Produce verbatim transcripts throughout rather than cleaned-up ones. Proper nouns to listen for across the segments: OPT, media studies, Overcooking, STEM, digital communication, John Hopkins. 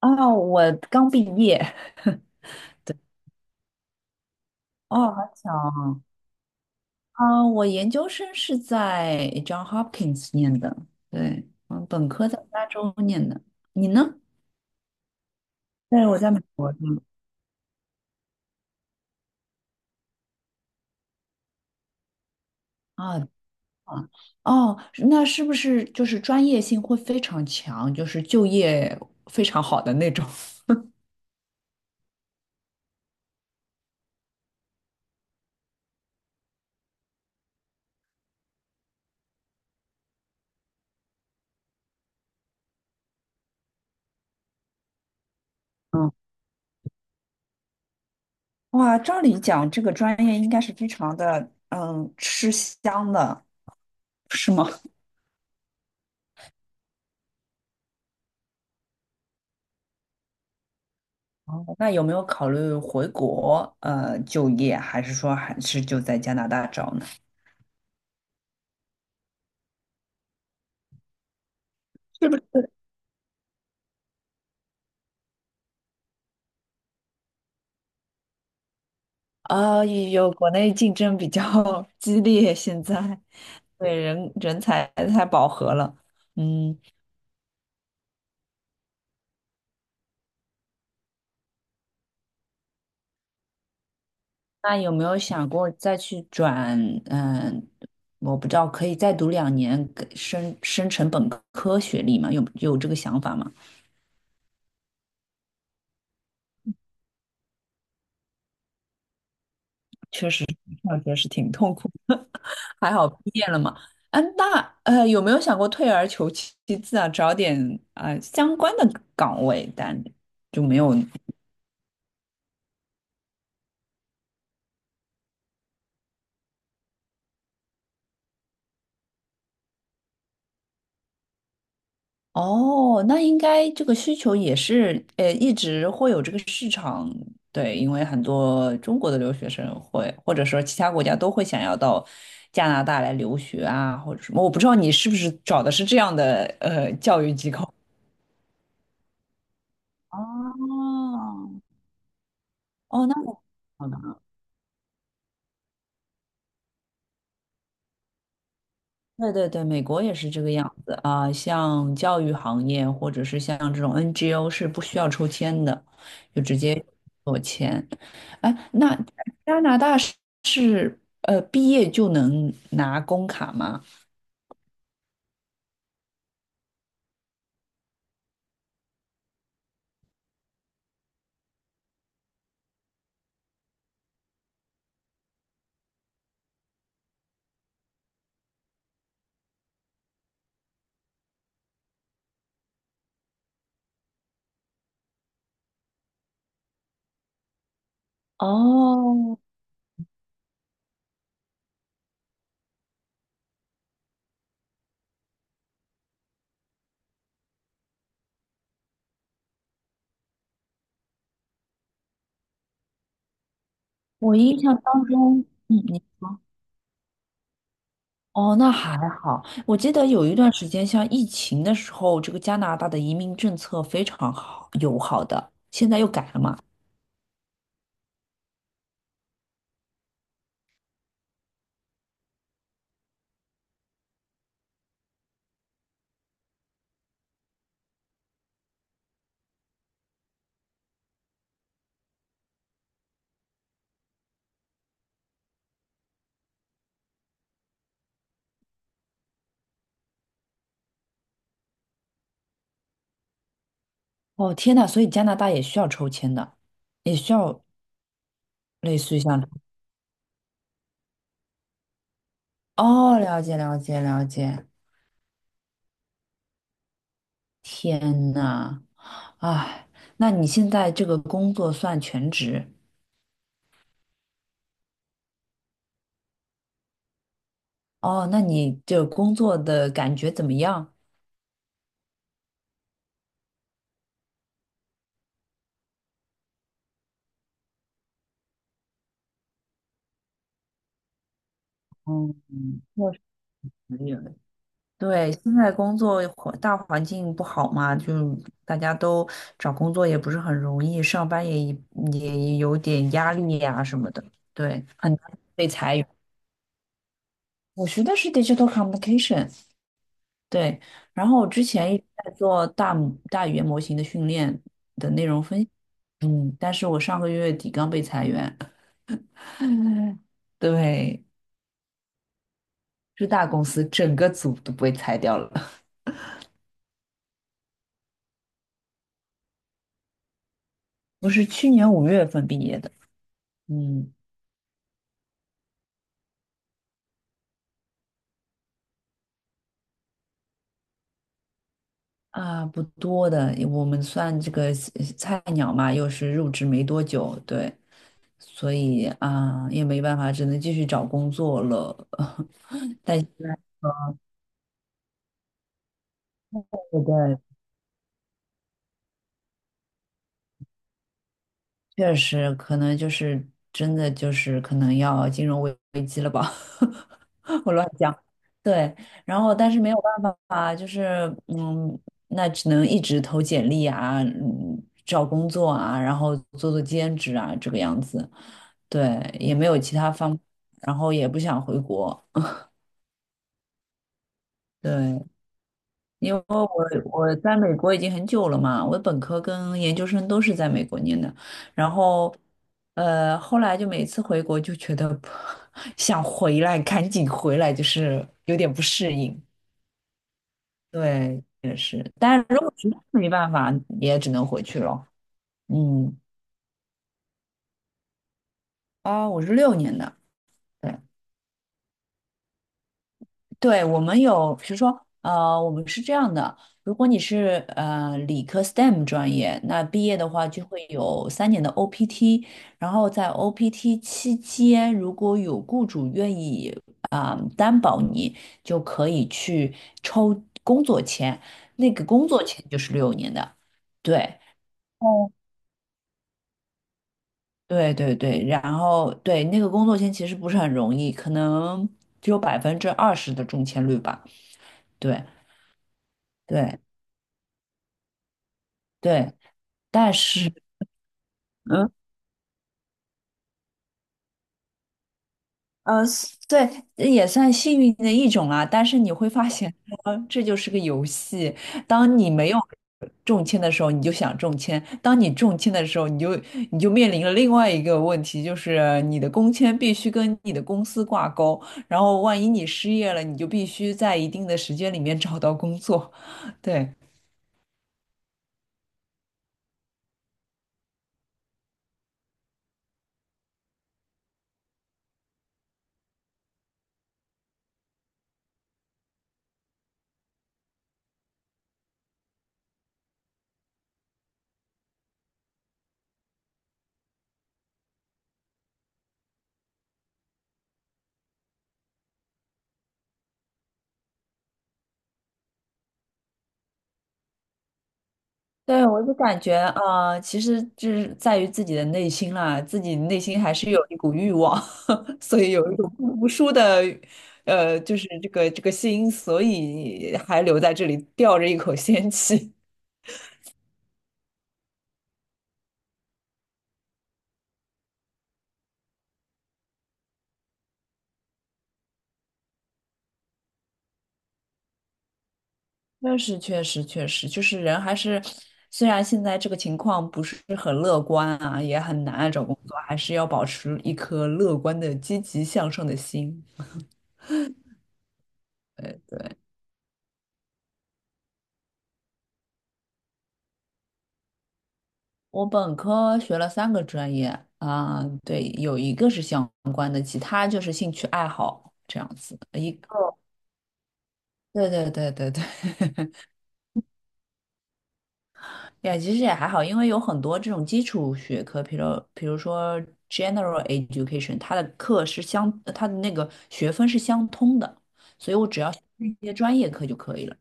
哦，我刚毕业，哦，好巧啊！啊，我研究生是在 John Hopkins 念的。对，嗯，本科在加州念的。你呢？对，我在美国的。啊啊，哦，那是不是就是专业性会非常强，就是就业非常好的那种？嗯，哇，照理讲，这个专业应该是非常的，嗯，吃香的，是吗？哦，那有没有考虑回国呃就业，还是说还是就在加拿大找呢？是不是？啊，有国内竞争比较 激烈，现在对人人才太饱和了。嗯，那有没有想过再去转？嗯、我不知道，可以再读两年，给升升成本科学历吗？有有这个想法吗？确实，上学是挺痛苦。还好毕业了嘛。啊，那呃，有没有想过退而求其次啊，找点啊、呃相关的岗位，但就没有。哦，那应该这个需求也是呃，一直会有这个市场。对，因为很多中国的留学生会，或者说其他国家都会想要到加拿大来留学啊，或者什么，我不知道你是不是找的是这样的呃教育机构。哦，哦，那我好的。对对对，美国也是这个样子啊，像教育行业或者是像这种 N G O 是不需要抽签的，就直接做签。哎，那加拿大是是呃毕业就能拿工卡吗？哦，我印象当中，嗯，你哦，那还好。我记得有一段时间，像疫情的时候，这个加拿大的移民政策非常好友好的，现在又改了嘛。哦，天呐，所以加拿大也需要抽签的，也需要类似于像，哦，了解了解了解。天呐，哎，那你现在这个工作算全职？哦，那你这个工作的感觉怎么样？嗯，确实有。对，现在工作环大环境不好嘛，就大家都找工作也不是很容易，上班也也有点压力呀、什么的。对，很难被裁员。我学的是 digital communication。对，然后我之前一直在做大模大语言模型的训练的内容分析嗯，但是我上个月底刚被裁员。对，是大公司整个组都被裁掉了。我是去年五月份毕业的。嗯啊，不多的，我们算这个呃菜鸟嘛，又是入职没多久。对，所以啊也没办法，只能继续找工作了。但是，对对，确实，可能就是真的就是可能要金融危危机了吧。我乱讲。对，然后但是没有办法，就是嗯，那只能一直投简历啊，嗯，找工作啊，然后做做兼职啊，这个样子。对，也没有其他方，然后也不想回国。对，因为我我在美国已经很久了嘛，我的本科跟研究生都是在美国念的。然后呃后来就每次回国就觉得 想回来，赶紧回来，就是有点不适应。对，也是，但是如果实在没办法，也只能回去了。嗯，啊，我是六年的。对，对，我们有，比如说呃，我们是这样的，如果你是呃理科 stem 专业，那毕业的话就会有三年的 O P T，然后在 O P T 期间，如果有雇主愿意啊、担保你，就可以去抽工作签，那个工作签就是六年的。对。对对对，然后对那个工作签其实不是很容易，可能只有百分之二十的中签率吧。对对对，但是嗯呃，对，也算幸运的一种啦。但是你会发现说这就是个游戏。当你没有中签的时候，你就想中签；当你中签的时候，你就你就面临了另外一个问题，就是你的工签必须跟你的公司挂钩。然后，万一你失业了，你就必须在一定的时间里面找到工作。对。对，我就感觉，啊，其实这是在于自己的内心啦，自己内心还是有一股欲望。所以有一种不服输的呃，就是这个这个心，所以还留在这里吊着一口仙气。那是确实，确实，就是人还是，虽然现在这个情况不是很乐观啊，也很难啊找工作，还是要保持一颗乐观的、积极向上的心。对对，我本科学了三个专业啊。对，有一个是相关的，其他就是兴趣爱好这样子。一，个。对对对对对。也其实也还好，因为有很多这种基础学科，比如比如说 general education，它的课是相，它的那个学分是相通的，所以我只要修一些专业课就可以了。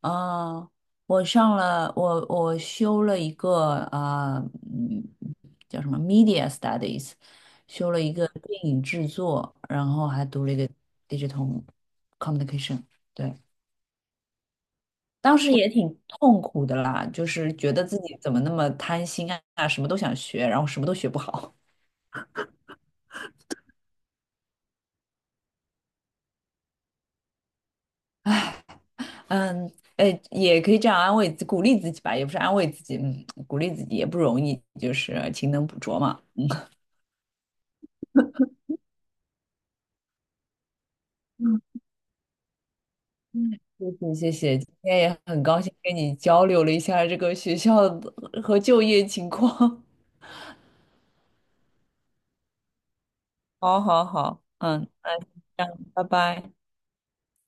啊、我上了，我我修了一个啊，嗯，叫什么 media studies，修了一个电影制作，然后还读了一个 digital communication。对。当时也挺痛苦的啦，就是觉得自己怎么那么贪心啊，什么都想学，然后什么都学不好。嗯，哎，也可以这样安慰自鼓励自己吧，也不是安慰自己，嗯，鼓励自己也不容易，就是勤能补拙嘛。嗯嗯，谢谢谢谢，今天也很高兴跟你交流了一下这个学校的呃和就业情况。好好好，嗯，这样，拜拜。